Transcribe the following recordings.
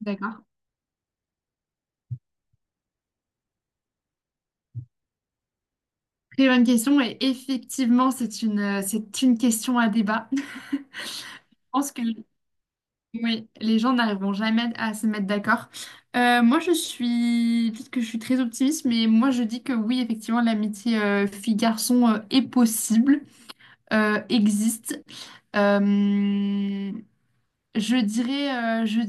D'accord. Très bonne question. Et effectivement, c'est une question à débat. Je pense que oui, les gens n'arriveront jamais à se mettre d'accord. Moi, je suis, peut-être que je suis très optimiste, mais moi, je dis que oui, effectivement, l'amitié fille-garçon est possible, existe. Euh, je dirais, je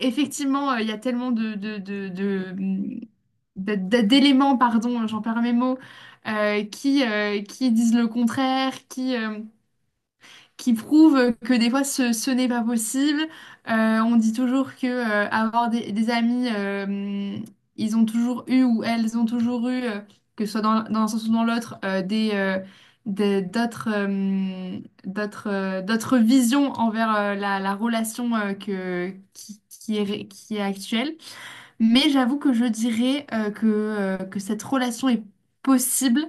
effectivement, il y a tellement d'éléments, pardon, j'en perds mes mots, qui qui disent le contraire, qui qui prouvent que des fois ce n'est pas possible. On dit toujours que avoir des amis, ils ont toujours eu ou elles ont toujours eu, que ce soit dans un sens ou dans l'autre, des- d'autres euh, d'autres visions envers la, la relation que, qui est, ré- qui est actuelle. Mais j'avoue que je dirais que cette relation est possible.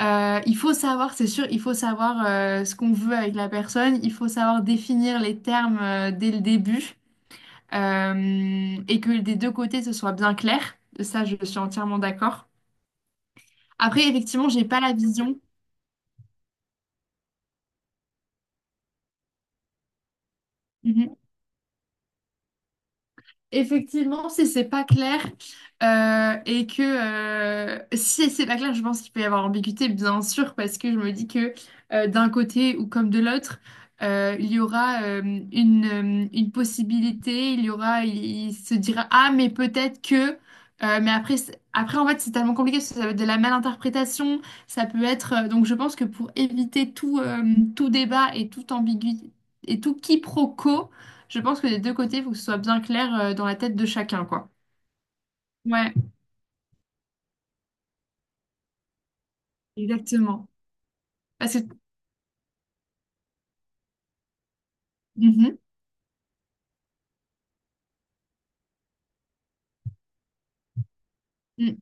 Il faut savoir, c'est sûr, il faut savoir ce qu'on veut avec la personne, il faut savoir définir les termes dès le début et que des deux côtés ce soit bien clair. Ça, je suis entièrement d'accord. Après, effectivement, j'ai pas la vision. Mhm. Effectivement, si c'est pas clair et que si c'est pas clair, je pense qu'il peut y avoir ambiguïté, bien sûr, parce que je me dis que d'un côté ou comme de l'autre, il y aura une possibilité, il y aura, il se dira ah mais peut-être que, mais après en fait c'est tellement compliqué parce que ça va être de la malinterprétation, ça peut être donc je pense que pour éviter tout tout débat et toute ambiguïté et tout quiproquo, je pense que des deux côtés, il faut que ce soit bien clair dans la tête de chacun, quoi. Ouais, exactement. Parce que... Mhm, mhm,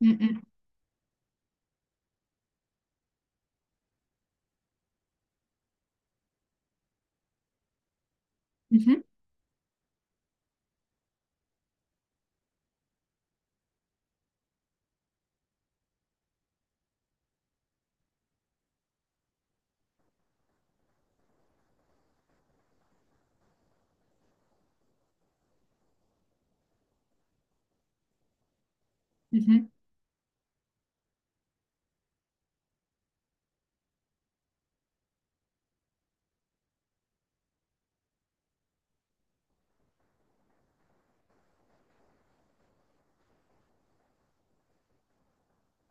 mhm, mhm, mhm.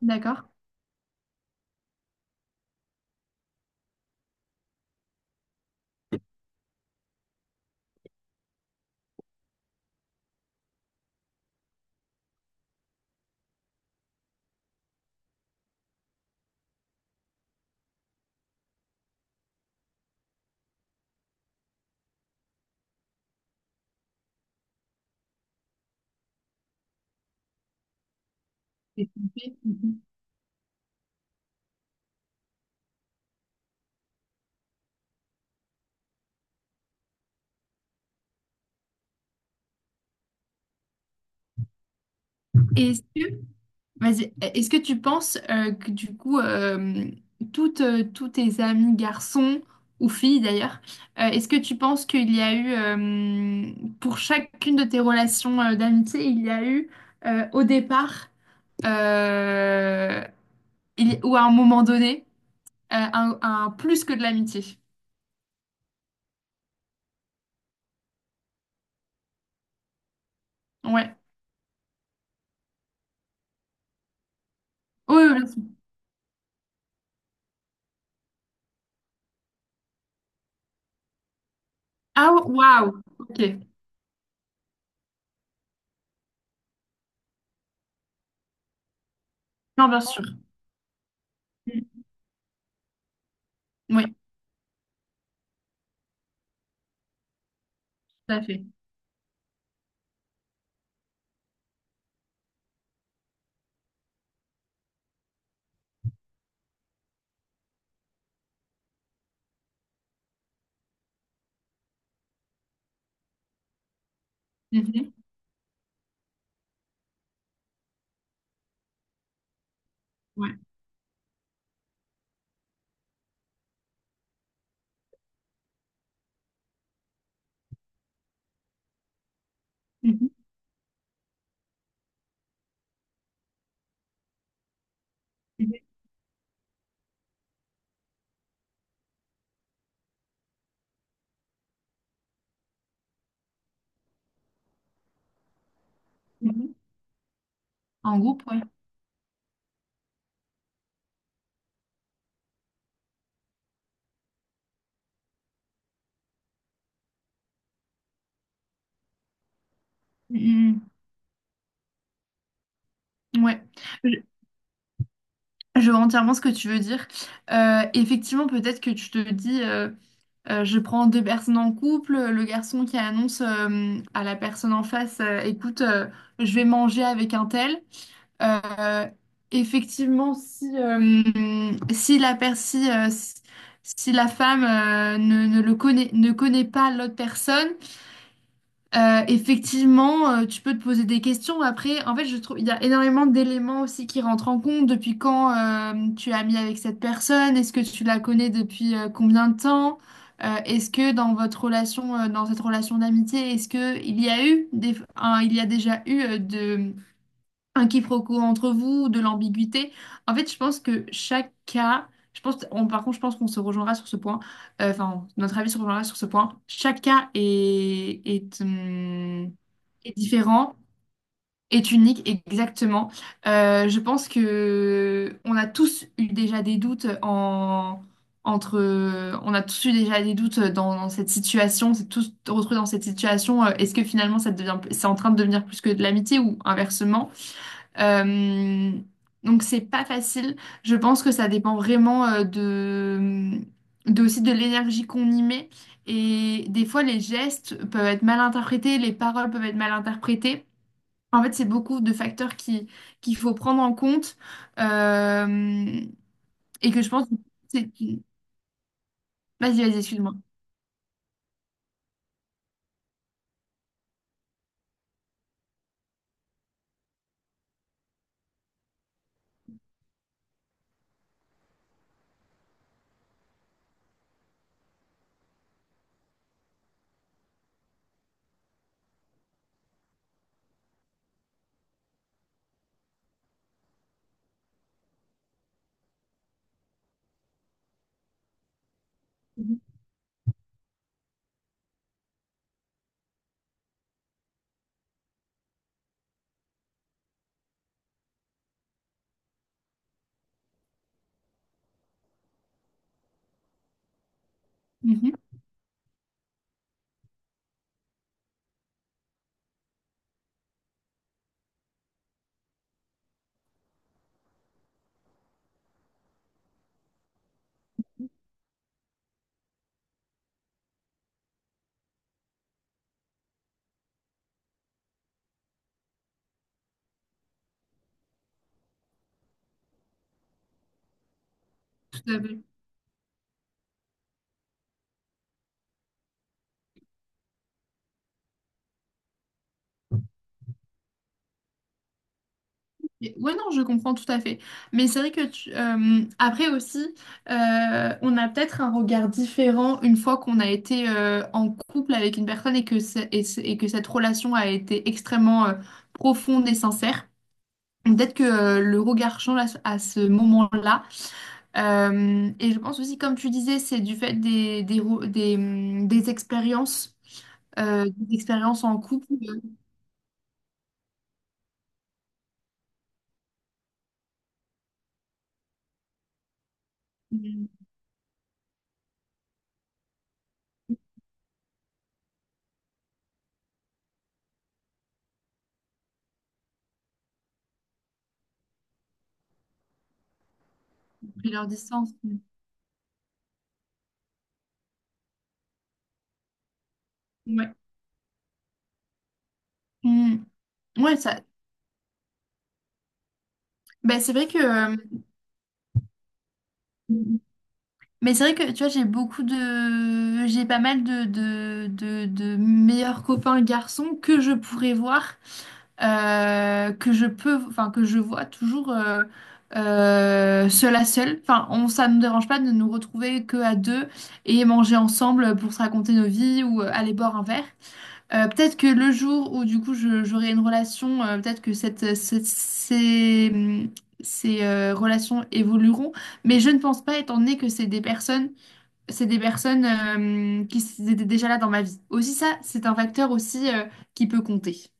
D'accord. Et- Mhm. Est-ce que, vas-y, est-ce que tu penses que du coup, toutes, tous tes amis garçons ou filles d'ailleurs, est-ce que tu penses qu'il y a eu, pour chacune de tes relations d'amitié, il y a eu au départ, euh, ou à un moment donné, un plus que de l'amitié. Ouais. Oui, oui, bien sûr. Ah, waouh. Ok. Non, bien sûr. Mm. Oui, tout à fait. Mhm. Ouais. Mhm. Mhm. Mhm. En groupe, ouais. Mm, mm. Ouais. Je, je vois entièrement ce que tu veux dire. Effectivement, peut-être que tu te dis, je prends deux personnes en couple, le garçon qui annonce à la personne en face, écoute, je vais manger avec un tel. Euh, effectivement, si, si la, per- si, si- si la femme ne le connaît, ne connaît pas l'autre personne, effectivement, tu peux te poser des questions. Après, en fait, je trouve il y a énormément d'éléments aussi qui rentrent en compte. Depuis quand tu es amie avec cette personne? Est-ce que tu la connais depuis combien de temps? Est-ce que dans votre relation, dans cette relation d'amitié, est-ce que il y a eu des, un- il y a déjà eu de un quiproquo entre vous, de l'ambiguïté. En fait, je pense que chaque cas, je pense, on- par contre, je pense qu'on se rejoindra sur ce point. Enfin, notre avis se rejoindra sur ce point. Chaque cas est est différent, est unique, exactement. Je pense que on a tous eu déjà des doutes en entre, on a tous eu déjà des doutes dans cette situation, c'est tous retrouvés dans cette situation. Est-ce que finalement, ça devient, c'est en train de devenir plus que de l'amitié ou inversement? Euh, donc c'est pas facile. Je pense que ça dépend vraiment de aussi de l'énergie qu'on y met. Et des fois, les gestes peuvent être mal interprétés, les paroles peuvent être mal interprétées. En fait, c'est beaucoup de facteurs qui, qu'il faut prendre en compte. Euh, et que je pense que c'est... Vas-y, vas-y, excuse-moi. Mhm. Mhm, tout à fait. Mais- Ouais, non, je comprends tout à fait. Mais c'est vrai que tu- après aussi, on a peut-être un regard différent une fois qu'on a été en couple avec une personne et que, c'est- et que cette relation a été extrêmement profonde et sincère. Peut-être que le regard change à ce moment-là. Et je pense aussi, comme tu disais, c'est du fait des des expériences en couple, hum, et leur distance. Ouais. Hum. Ouais, ça, bah, c'est vrai que, mais c'est vrai que tu vois, j'ai beaucoup de, j'ai pas mal de meilleurs copains garçons que je pourrais voir, que je peux, enfin, que je vois toujours seul à seul. Enfin, on, ça ne me dérange pas de nous retrouver que à deux et manger ensemble pour se raconter nos vies ou aller boire un verre. Peut-être que le jour où du coup je- j'aurai une relation, peut-être que ces relations évolueront, mais je ne pense pas étant donné que c'est des personnes qui s- étaient déjà là dans ma vie. Aussi ça, c'est un facteur aussi qui peut compter.